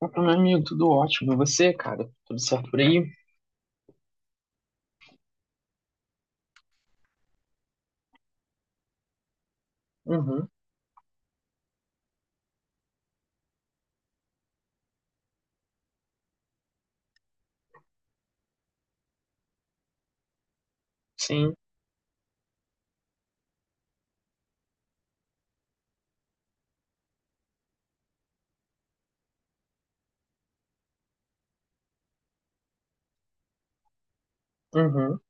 Opa, meu amigo, tudo ótimo. E você, cara? Tudo certo por aí? Uhum, sim. Uhum.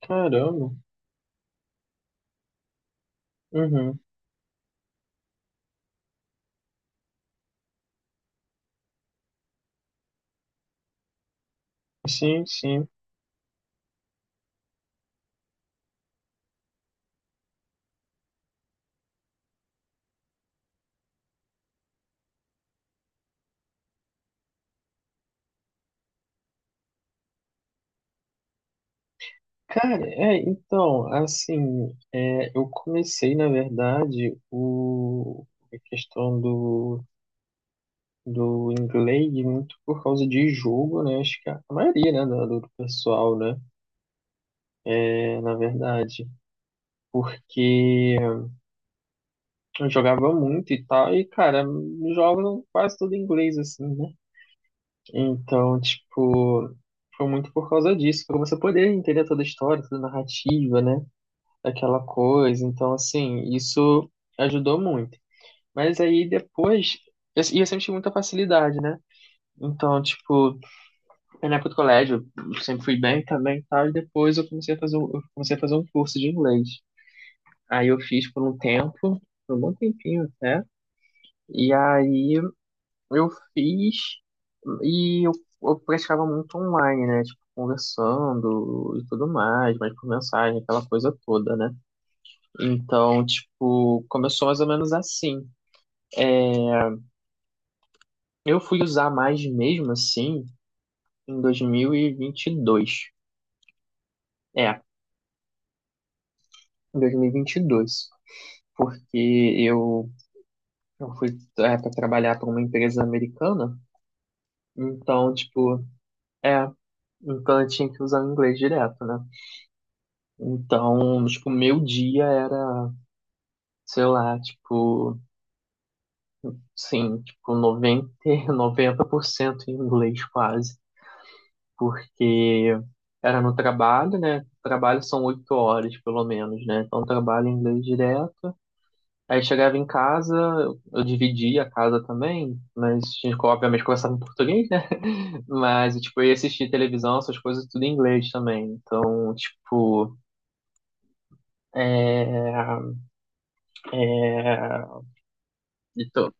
Caramba. Uhum. Sim, sim. Cara, é, então, assim, é, eu comecei, na verdade, a questão do inglês muito por causa de jogo, né? Acho que a maioria, né, do pessoal, né? É, na verdade, porque eu jogava muito e tal, e, cara, jogam quase tudo em inglês, assim, né? Então, tipo, foi muito por causa disso, para você poder entender toda a história, toda a narrativa, né? Aquela coisa. Então, assim, isso ajudou muito. Mas aí depois, e eu sempre tive muita facilidade, né? Então, tipo, na época do colégio, eu sempre fui bem também e tal, e depois eu comecei a fazer um curso de inglês. Aí eu fiz por um tempo, por um bom tempinho até, e aí Eu fiz e eu praticava muito online, né? Tipo, conversando e tudo mais, mas por mensagem, aquela coisa toda, né? Então, tipo, começou mais ou menos assim. Eu fui usar mais mesmo assim em dois mil e vinte e dois. É, em 2022. Porque eu, eu fui para trabalhar para uma empresa americana. Então, tipo, é. Então eu tinha que usar o inglês direto, né? Então, tipo, meu dia era sei lá, tipo, sim, tipo noventa 90% em inglês quase, porque era no trabalho, né? Trabalho são 8 horas, pelo menos, né? Então, trabalho em inglês direto. Aí chegava em casa, eu dividia a casa também, mas a gente, obviamente, conversava em português, né? Mas, tipo, eu ia assistir televisão, essas coisas tudo em inglês também. Então, tipo, é... Então,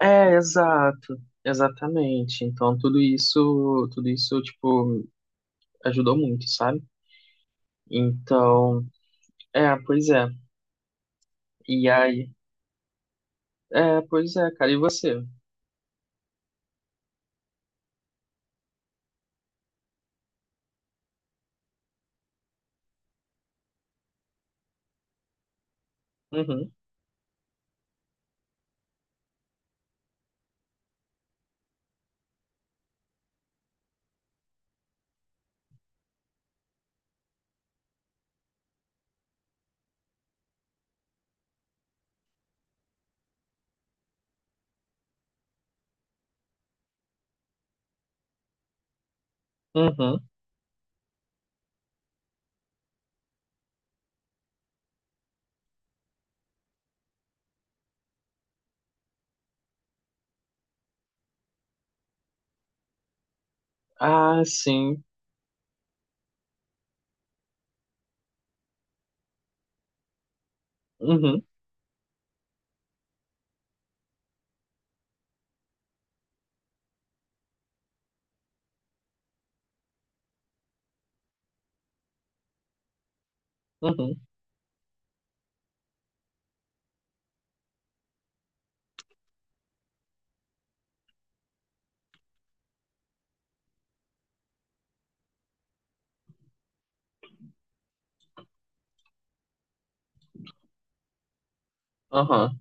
é, exato, exatamente. Então tudo isso tipo ajudou muito, sabe? Então, é, pois é. E aí, é, pois é, cara. E você? Uhum, uhum. Ah, sim. Uhum, uhum, aham.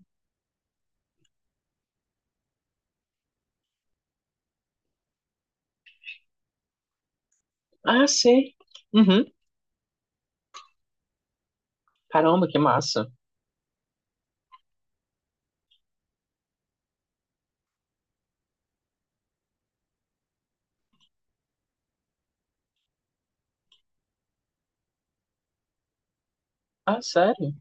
Ah, sei. Uhum. Caramba, que massa. Ah, sério?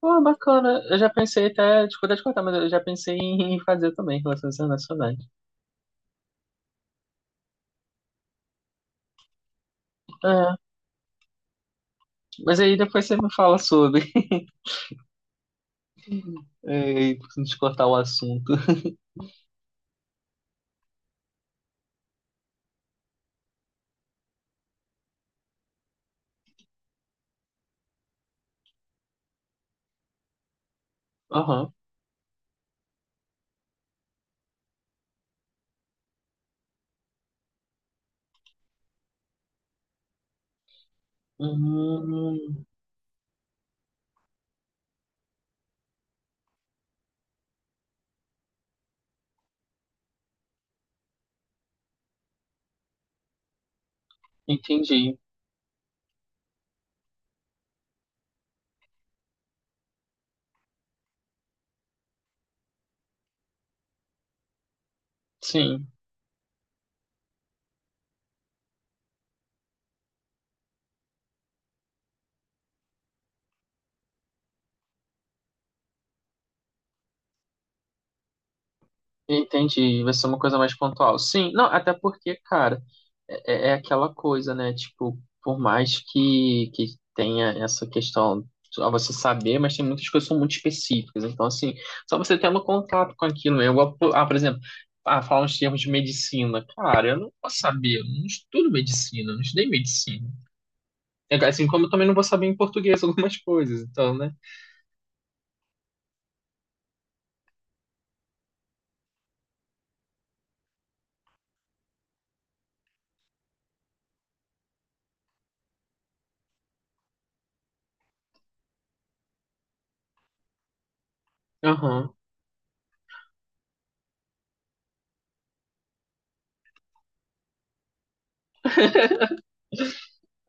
Pô, bacana. Eu já pensei até, desculpa te cortar, mas eu já pensei em fazer também relações internacionais. É, mas aí depois você me fala sobre, é, e pra gente cortar o assunto. Aham. Hum, entendi. Sim, entendi. Vai ser uma coisa mais pontual. Sim, não, até porque, cara, é, é aquela coisa, né? Tipo, por mais que tenha essa questão a você saber, mas tem muitas coisas que são muito específicas. Então, assim, só você tendo contato com aquilo, né? Igual, ah, por exemplo, ah, falar uns termos de medicina. Cara, eu não posso saber, eu não estudo medicina, eu não estudei medicina. É, assim como eu também não vou saber em português algumas coisas, então, né? Aham.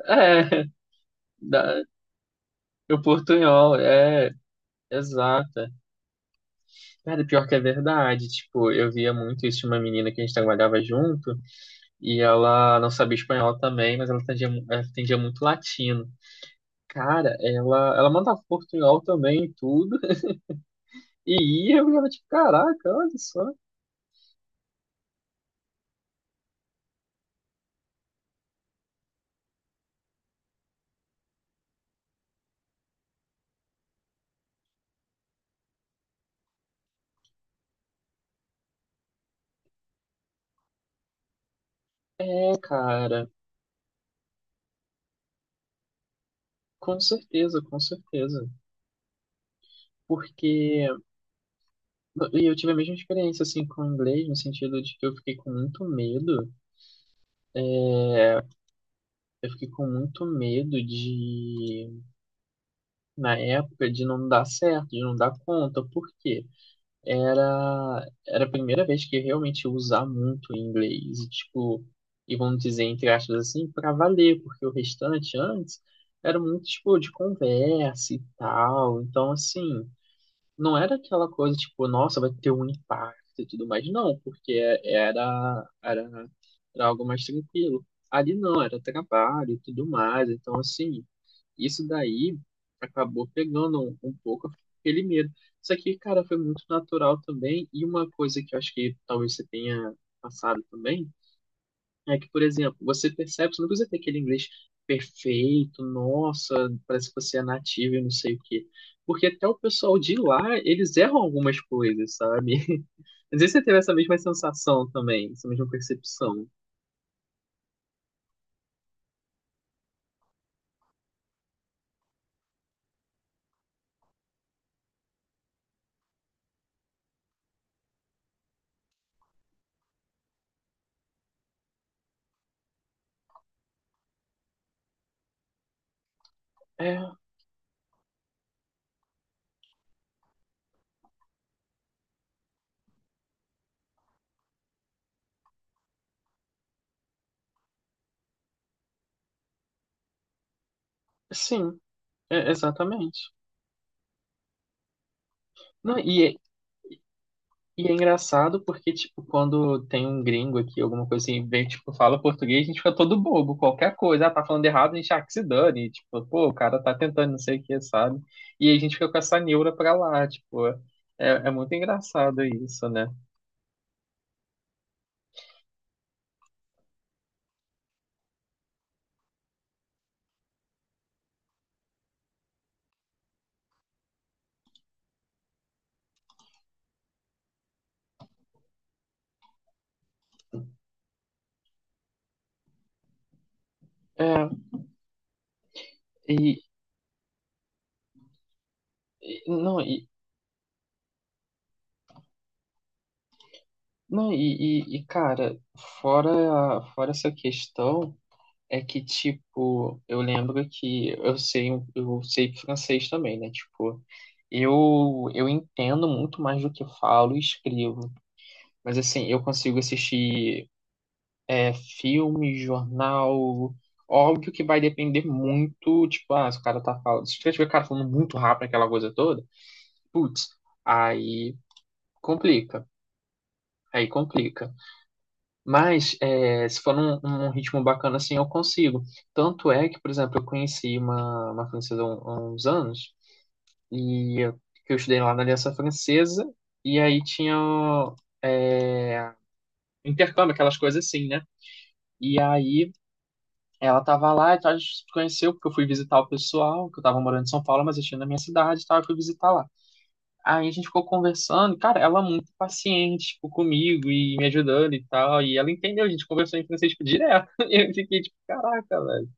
É. Dá. O portunhol, é, exata. Cara, pior que é verdade. Tipo, eu via muito isso de uma menina que a gente trabalhava junto e ela não sabia espanhol também, mas ela entendia, ela entendia muito latino. Cara, ela mandava portunhol também e tudo. E ia, eu era tipo, caraca, olha só. É, cara, com certeza, com certeza. Porque e eu tive a mesma experiência, assim, com o inglês, no sentido de que eu fiquei com muito medo. Eu fiquei com muito medo de na época de não dar certo, de não dar conta, porque era a primeira vez que eu realmente ia usar muito o inglês, e, tipo, e vamos dizer, entre aspas, assim, para valer, porque o restante antes era muito, tipo, de conversa e tal, então, assim, não era aquela coisa, tipo, nossa, vai ter um impacto e tudo mais, não, porque era, era, era algo mais tranquilo. Ali não, era trabalho e tudo mais, então, assim, isso daí acabou pegando um pouco aquele medo. Isso aqui, cara, foi muito natural também. E uma coisa que eu acho que talvez você tenha passado também é que, por exemplo, você percebe, você não precisa ter aquele inglês perfeito, nossa, parece que você é nativo e não sei o quê. Porque até o pessoal de lá, eles erram algumas coisas, sabe? Às vezes você teve essa mesma sensação também, essa mesma percepção. É, sim, é, exatamente. Não, e E é engraçado porque, tipo, quando tem um gringo aqui, alguma coisa assim, vem, tipo, fala português, a gente fica todo bobo, qualquer coisa, ah, tá falando errado, a gente, ah, que se dane, tipo, pô, o cara tá tentando, não sei o que, sabe? E a gente fica com essa neura pra lá, tipo, é, é muito engraçado isso, né? É, e, não, não, e, cara, fora essa questão, é que, tipo, eu lembro que eu sei francês também, né? Tipo, eu entendo muito mais do que falo e escrevo. Mas, assim, eu consigo assistir é, filme, jornal. Óbvio que vai depender muito, tipo, ah, se o cara tá falando. Se tiver o cara falando muito rápido aquela coisa toda, putz, aí complica. Aí complica. Mas é, se for num ritmo bacana assim, eu consigo. Tanto é que, por exemplo, eu conheci uma francesa há uns anos, e eu, que eu estudei lá na Aliança Francesa, e aí tinha é, intercâmbio, aquelas coisas assim, né? E aí ela tava lá, e tal, a gente se conheceu, porque eu fui visitar o pessoal, que eu tava morando em São Paulo, mas eu tinha na minha cidade e tal, eu fui visitar lá. Aí a gente ficou conversando, cara, ela é muito paciente, tipo, comigo e me ajudando e tal, e ela entendeu, a gente conversou em francês, tipo, direto, e eu fiquei, tipo, caraca, velho.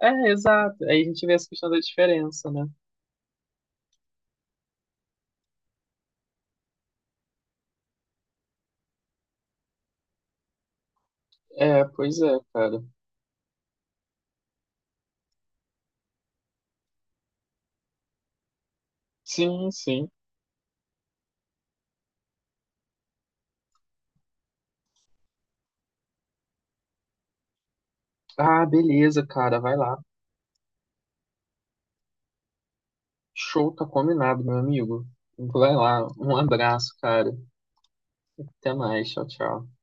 É, exato, aí a gente vê essa questão da diferença, né? É, pois é, cara. Sim, sim. Ah, beleza, cara, vai lá. Show, tá combinado, meu amigo. Vai lá, um abraço, cara. Até mais, tchau, tchau.